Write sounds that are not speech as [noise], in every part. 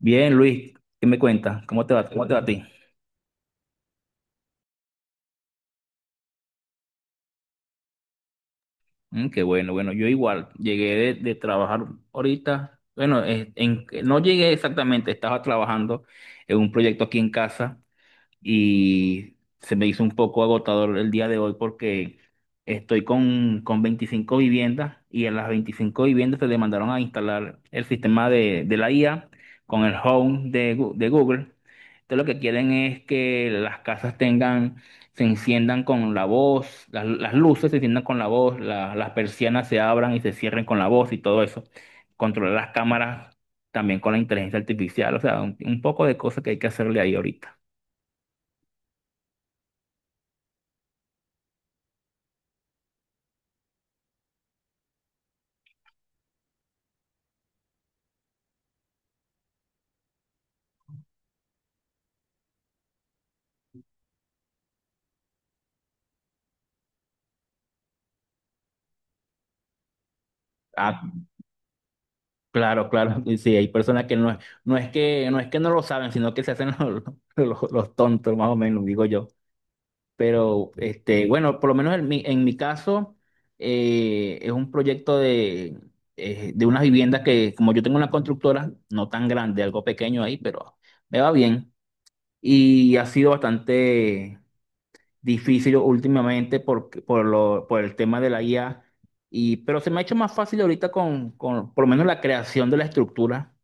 Bien, Luis, ¿qué me cuentas? ¿Cómo te va? ¿Cómo te va a ti? Mm, qué bueno. Bueno, yo igual llegué de trabajar ahorita. Bueno, no llegué exactamente, estaba trabajando en un proyecto aquí en casa y se me hizo un poco agotador el día de hoy porque estoy con 25 viviendas y en las 25 viviendas se le mandaron a instalar el sistema de la IA con el Home de Google. Entonces lo que quieren es que las casas tengan, se enciendan con la voz, las luces se enciendan con la voz, las persianas se abran y se cierren con la voz y todo eso. Controlar las cámaras también con la inteligencia artificial, o sea, un poco de cosas que hay que hacerle ahí ahorita. Ah, claro, claro, y sí, hay personas que no, no es que no lo saben, sino que se hacen los, [laughs] los tontos, más o menos, digo yo. Pero este, bueno, por lo menos en mi caso, es un proyecto de unas viviendas que, como yo tengo una constructora, no tan grande, algo pequeño ahí, pero me va bien. Y ha sido bastante difícil últimamente por el tema de la IA, y, pero se me ha hecho más fácil ahorita con por lo menos la creación de la estructura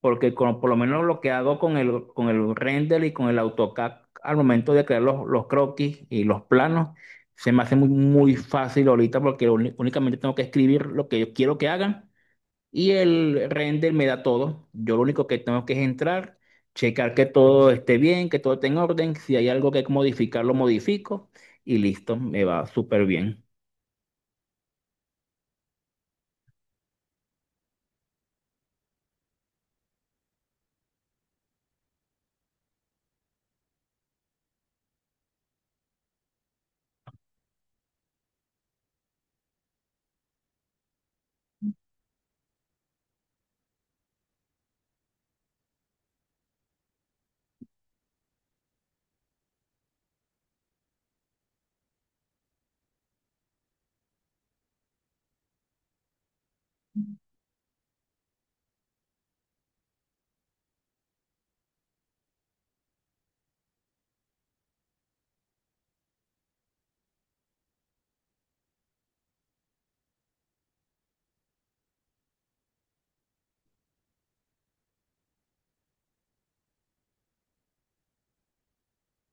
porque por lo menos lo que hago con con el render y con el AutoCAD al momento de crear los croquis y los planos, se me hace muy fácil ahorita porque únicamente tengo que escribir lo que yo quiero que hagan y el render me da todo. Yo lo único que tengo que es entrar, checar que todo esté bien, que todo esté en orden, si hay algo que modificar, lo modifico y listo, me va súper bien.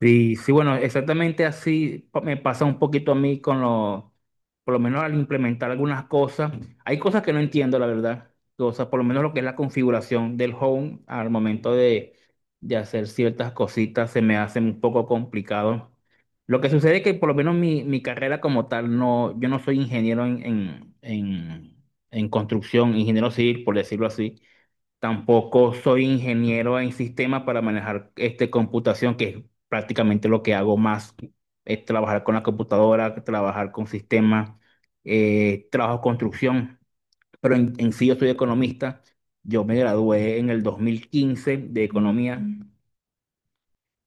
Sí, sí, bueno, exactamente así me pasa un poquito a mí con lo, por lo menos al implementar algunas cosas. Hay cosas que no entiendo, la verdad. Cosas, por lo menos lo que es la configuración del home al momento de hacer ciertas cositas se me hace un poco complicado. Lo que sucede es que por lo menos mi carrera como tal, no, yo no soy ingeniero en construcción, ingeniero civil, por decirlo así. Tampoco soy ingeniero en sistemas para manejar este, computación, que es prácticamente lo que hago más, es trabajar con la computadora, trabajar con sistemas, trabajo construcción, pero en sí yo soy economista. Yo me gradué en el 2015 de economía. Mm.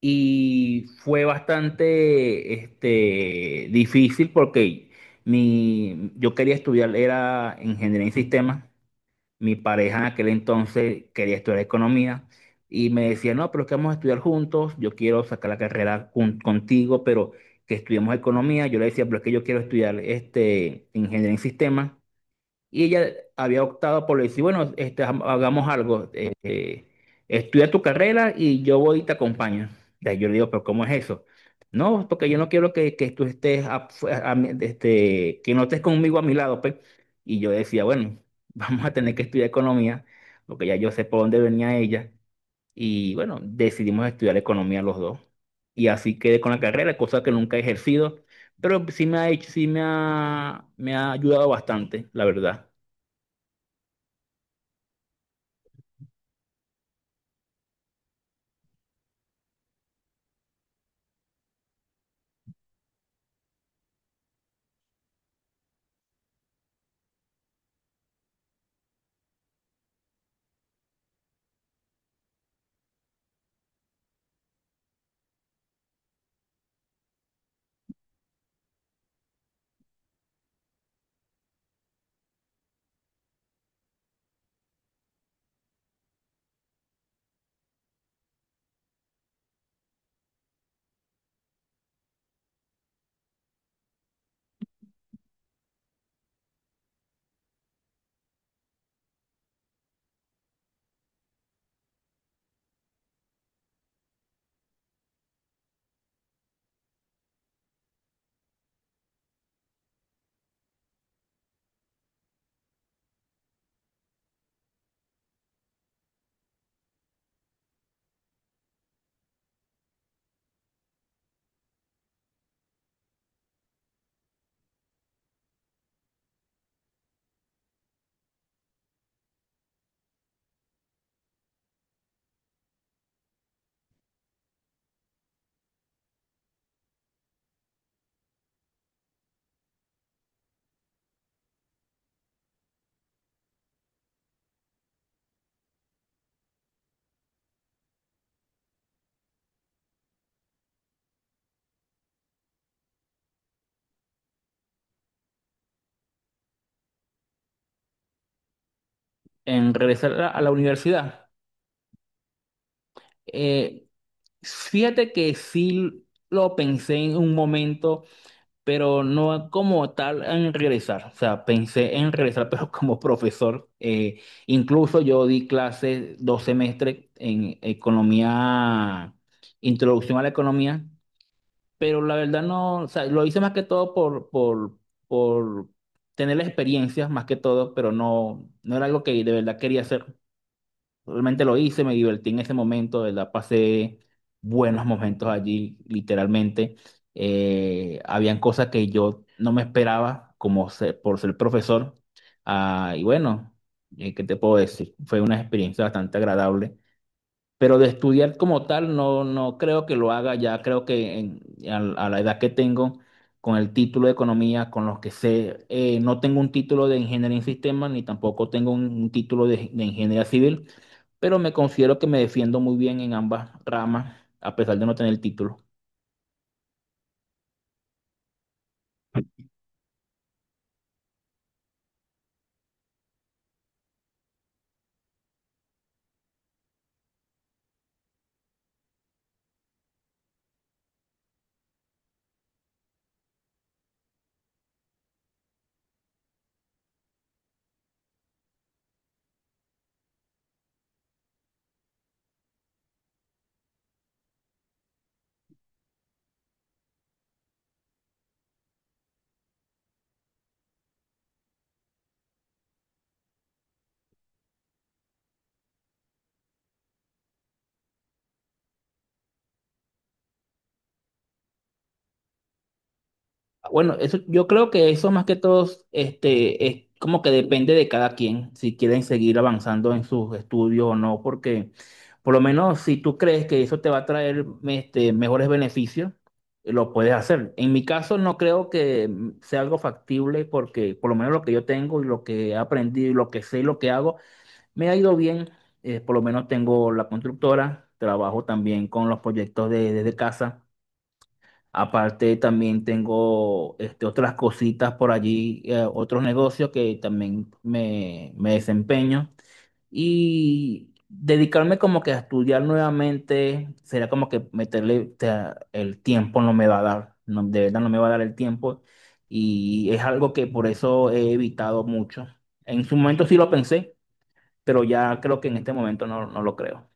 Y fue bastante este, difícil porque mi, yo quería estudiar, era ingeniería en sistemas. Mi pareja en aquel entonces quería estudiar economía y me decía, no, pero es que vamos a estudiar juntos, yo quiero sacar la carrera con contigo, pero que estudiemos economía. Yo le decía, pero es que yo quiero estudiar este, ingeniería en sistemas y ella había optado por decir, bueno, este, hagamos algo, estudia tu carrera y yo voy y te acompaño. Y ahí yo le digo, pero ¿cómo es eso? No, porque yo no quiero que tú estés, este, que no estés conmigo a mi lado, pues. Y yo decía, bueno, [laughs] vamos a tener que estudiar economía, porque ya yo sé por dónde venía ella. Y bueno, decidimos estudiar economía los dos. Y así quedé con la carrera, cosa que nunca he ejercido, pero sí me ha hecho, sí me ha ayudado bastante, la verdad. En regresar a la universidad. Eh, fíjate que sí lo pensé en un momento, pero no como tal en regresar. O sea, pensé en regresar, [laughs] pero como profesor. Incluso yo di clases 2 semestres en economía, introducción a la economía, pero la verdad no, o sea, lo hice más que todo por tener la experiencia, más que todo, pero no, no era algo que de verdad quería hacer. Realmente lo hice, me divertí en ese momento, de verdad pasé buenos momentos allí, literalmente. Habían cosas que yo no me esperaba, como por ser profesor. Ah, y bueno, ¿qué te puedo decir? Fue una experiencia bastante agradable. Pero de estudiar como tal, no, no creo que lo haga ya. Creo que a, a la edad que tengo, con el título de economía, con los que sé, no tengo un título de ingeniería en sistemas, ni tampoco tengo un título de ingeniería civil, pero me considero que me defiendo muy bien en ambas ramas, a pesar de no tener el título. Bueno, eso, yo creo que eso más que todo, este, es como que depende de cada quien, si quieren seguir avanzando en sus estudios o no, porque por lo menos si tú crees que eso te va a traer este, mejores beneficios, lo puedes hacer. En mi caso no creo que mm, sea algo factible porque por lo menos lo que yo tengo y lo que he aprendido y lo que sé y lo que hago, me ha ido bien. Por lo menos tengo la constructora, trabajo también con los proyectos desde casa. Aparte también tengo este, otras cositas por allí, otros negocios que también me desempeño. Y dedicarme como que a estudiar nuevamente será como que meterle, o sea, el tiempo no me va a dar, no, de verdad no me va a dar el tiempo. Y es algo que por eso he evitado mucho. En su momento sí lo pensé, pero ya creo que en este momento no, no lo creo.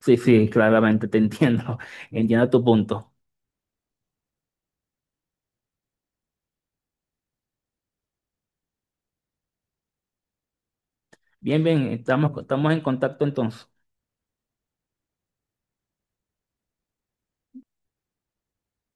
Sí, sí, claramente te entiendo, [laughs] entiendo tu punto. Bien, bien, estamos, estamos en contacto entonces.